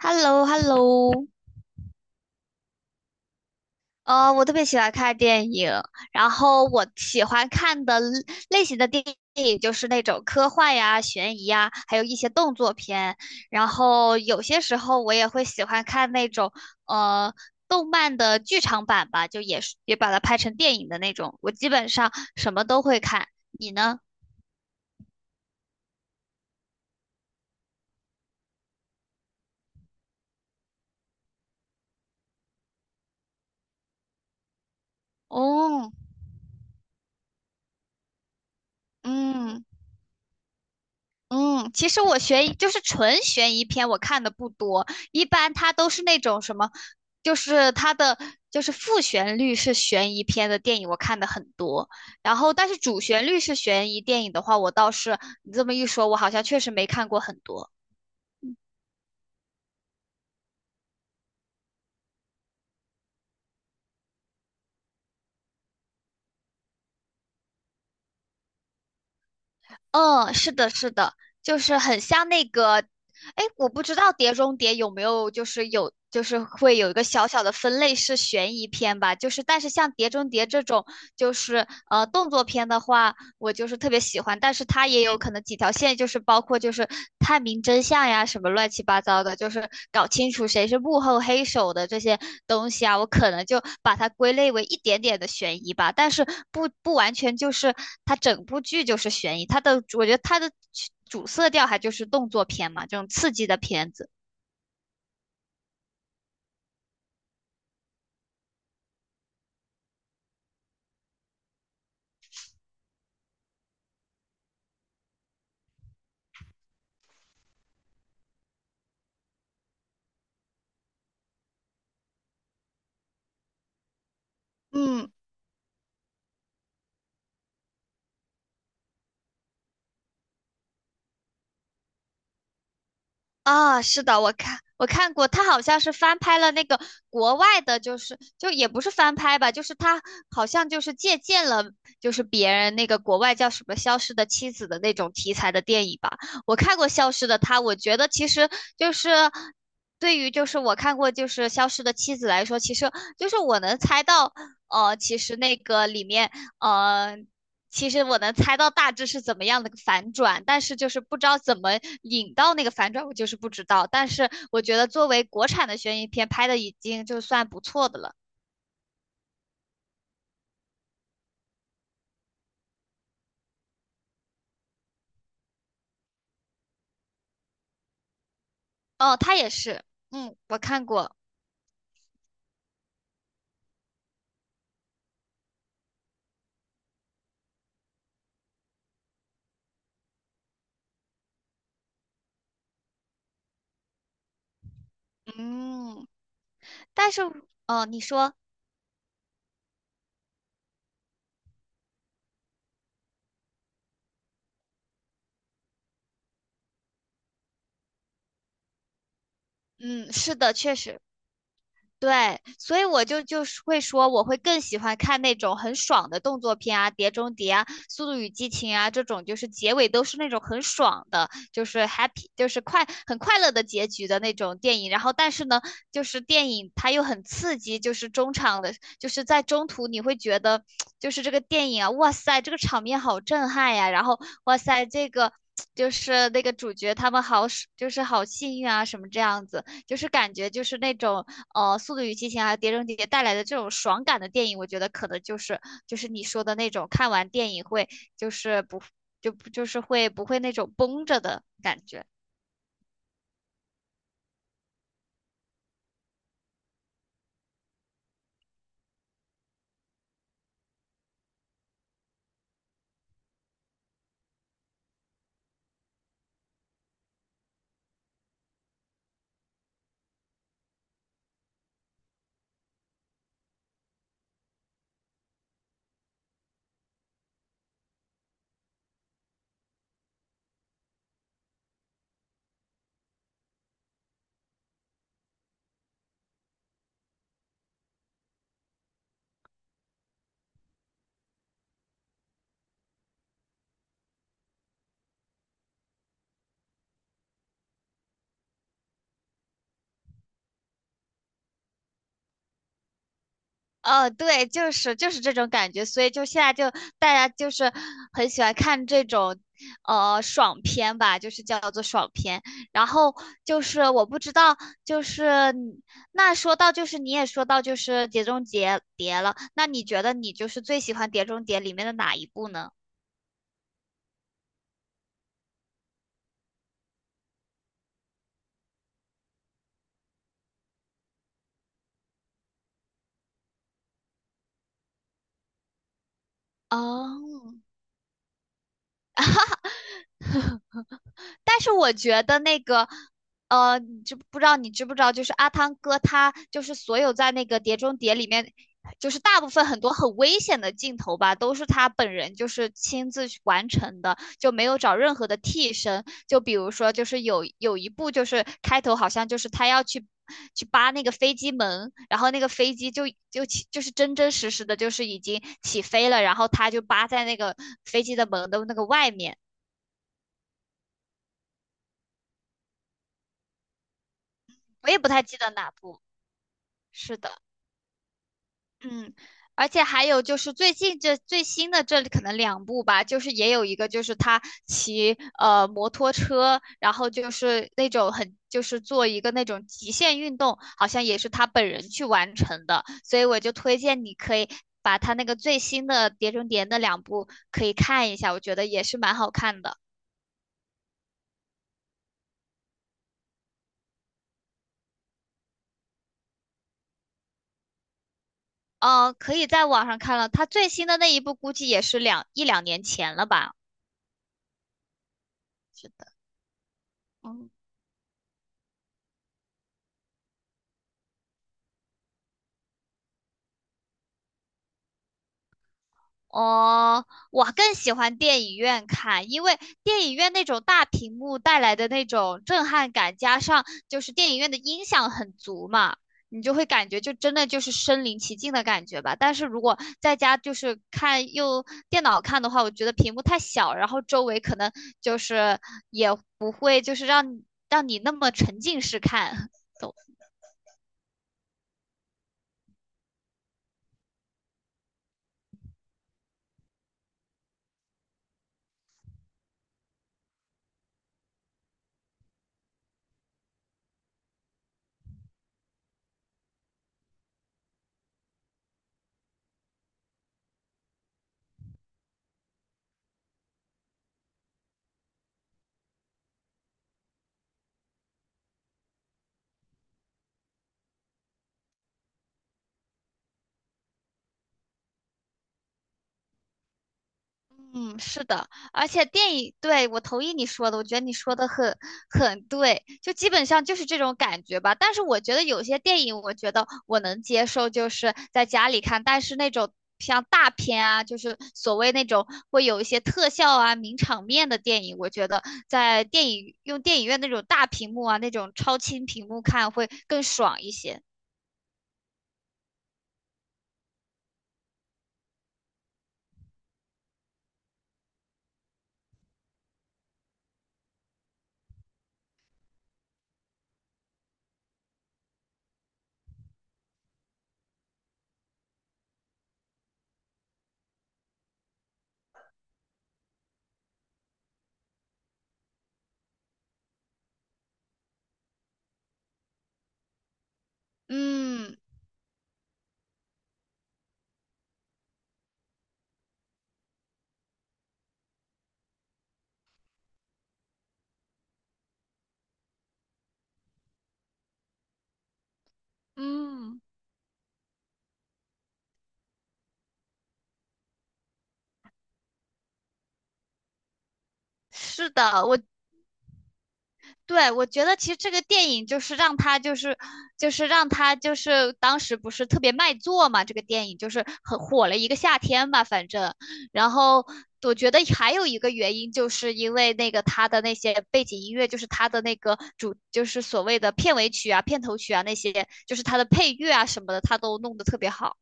h e l l o h e l l o。 我特别喜欢看电影，然后我喜欢看的类型的电影就是那种科幻呀、悬疑呀，还有一些动作片。然后有些时候我也会喜欢看那种呃动漫的剧场版吧，就也是也把它拍成电影的那种。我基本上什么都会看，你呢？哦，嗯。嗯，其实我悬疑就是纯悬疑片，我看的不多，一般它都是那种什么，就是它的就是副旋律是悬疑片的电影，我看的很多。然后，但是主旋律是悬疑电影的话，我倒是你这么一说，我好像确实没看过很多。嗯，是的，是的，就是很像那个，哎，我不知道《碟中谍》有没有就是有就是会有一个小小的分类是悬疑片吧，就是但是像《碟中谍》这种就是动作片的话。我就是特别喜欢，但是它也有可能几条线，就是包括就是探明真相呀，什么乱七八糟的，就是搞清楚谁是幕后黑手的这些东西啊，我可能就把它归类为一点点的悬疑吧，但是不完全就是它整部剧就是悬疑，我觉得它的主色调还就是动作片嘛，这种刺激的片子。嗯啊，是的，我看过，他好像是翻拍了那个国外的，就是就也不是翻拍吧，就是他好像就是借鉴了就是别人那个国外叫什么《消失的妻子》的那种题材的电影吧。我看过《消失的她》，我觉得其实就是对于就是我看过就是《消失的妻子》来说，其实就是我能猜到，其实那个里面，呃。其实我能猜到大致是怎么样的反转，但是就是不知道怎么引到那个反转，我就是不知道。但是我觉得作为国产的悬疑片拍的已经就算不错的了。哦，他也是，嗯，我看过，嗯，但是，哦，你说，嗯，是的，确实。对，所以我就是会说，我会更喜欢看那种很爽的动作片啊，《碟中谍》啊，《速度与激情》啊，这种就是结尾都是那种很爽的，就是 happy，就是很快乐的结局的那种电影。然后，但是呢，就是电影它又很刺激，就是中场的，就是在中途你会觉得，就是这个电影啊，哇塞，这个场面好震撼呀，然后哇塞，这个。就是那个主角他们好，就是好幸运啊，什么这样子，就是感觉就是那种《速度与激情》还有《碟中谍》带来的这种爽感的电影，我觉得可能就是就是你说的那种看完电影会就是不就不就是会不会那种绷着的感觉。对，就是这种感觉，所以就现在就大家就是很喜欢看这种爽片吧，就是叫做爽片。然后就是我不知道，就是你那说到就是你也说到就是《碟中谍》碟了，那你觉得你就是最喜欢《碟中谍》里面的哪一部呢？哦，但是我觉得那个，你知不知道？你知不知道？就是阿汤哥他就是所有在那个《碟中谍》里面，就是大部分很多很危险的镜头吧，都是他本人就是亲自去完成的，就没有找任何的替身。就比如说，就是有一部就是开头好像就是他要去。去扒那个飞机门，然后那个飞机就起就是真真实实的，就是已经起飞了，然后他就扒在那个飞机的门的那个外面，我也不太记得哪部。是的，嗯，而且还有就是最近这最新的这里可能两部吧，就是也有一个就是他骑摩托车，然后就是那种很就是做一个那种极限运动，好像也是他本人去完成的，所以我就推荐你可以把他那个最新的《碟中谍》那两部可以看一下，我觉得也是蛮好看的。嗯可以在网上看了，他最新的那一部估计也是一两年前了吧？是的，嗯。哦，我更喜欢电影院看，因为电影院那种大屏幕带来的那种震撼感，加上就是电影院的音响很足嘛，你就会感觉就真的就是身临其境的感觉吧。但是如果在家就是看用电脑看的话，我觉得屏幕太小，然后周围可能就是也不会就是让你那么沉浸式看。嗯，是的，而且电影，对，我同意你说的，我觉得你说的很对，就基本上就是这种感觉吧。但是我觉得有些电影，我觉得我能接受，就是在家里看，但是那种像大片啊，就是所谓那种会有一些特效啊、名场面的电影，我觉得在电影用电影院那种大屏幕啊、那种超清屏幕看会更爽一些。嗯嗯，是的，我。对，我觉得其实这个电影就是让他就是当时不是特别卖座嘛，这个电影就是很火了一个夏天吧，反正。然后我觉得还有一个原因，就是因为那个他的那些背景音乐，就是他的那个主，就是所谓的片尾曲啊、片头曲啊那些，就是他的配乐啊什么的，他都弄得特别好。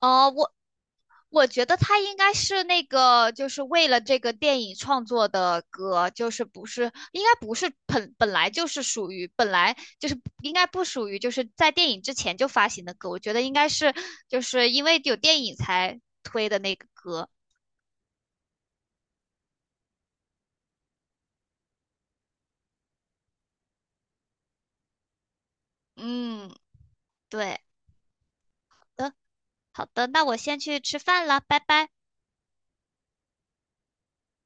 哦，我觉得他应该是那个，就是为了这个电影创作的歌，就是不是应该不是本来就是属于本来就是应该不属于就是在电影之前就发行的歌，我觉得应该是就是因为有电影才推的那个歌。嗯，对的，好的，那我先去吃饭了，拜拜。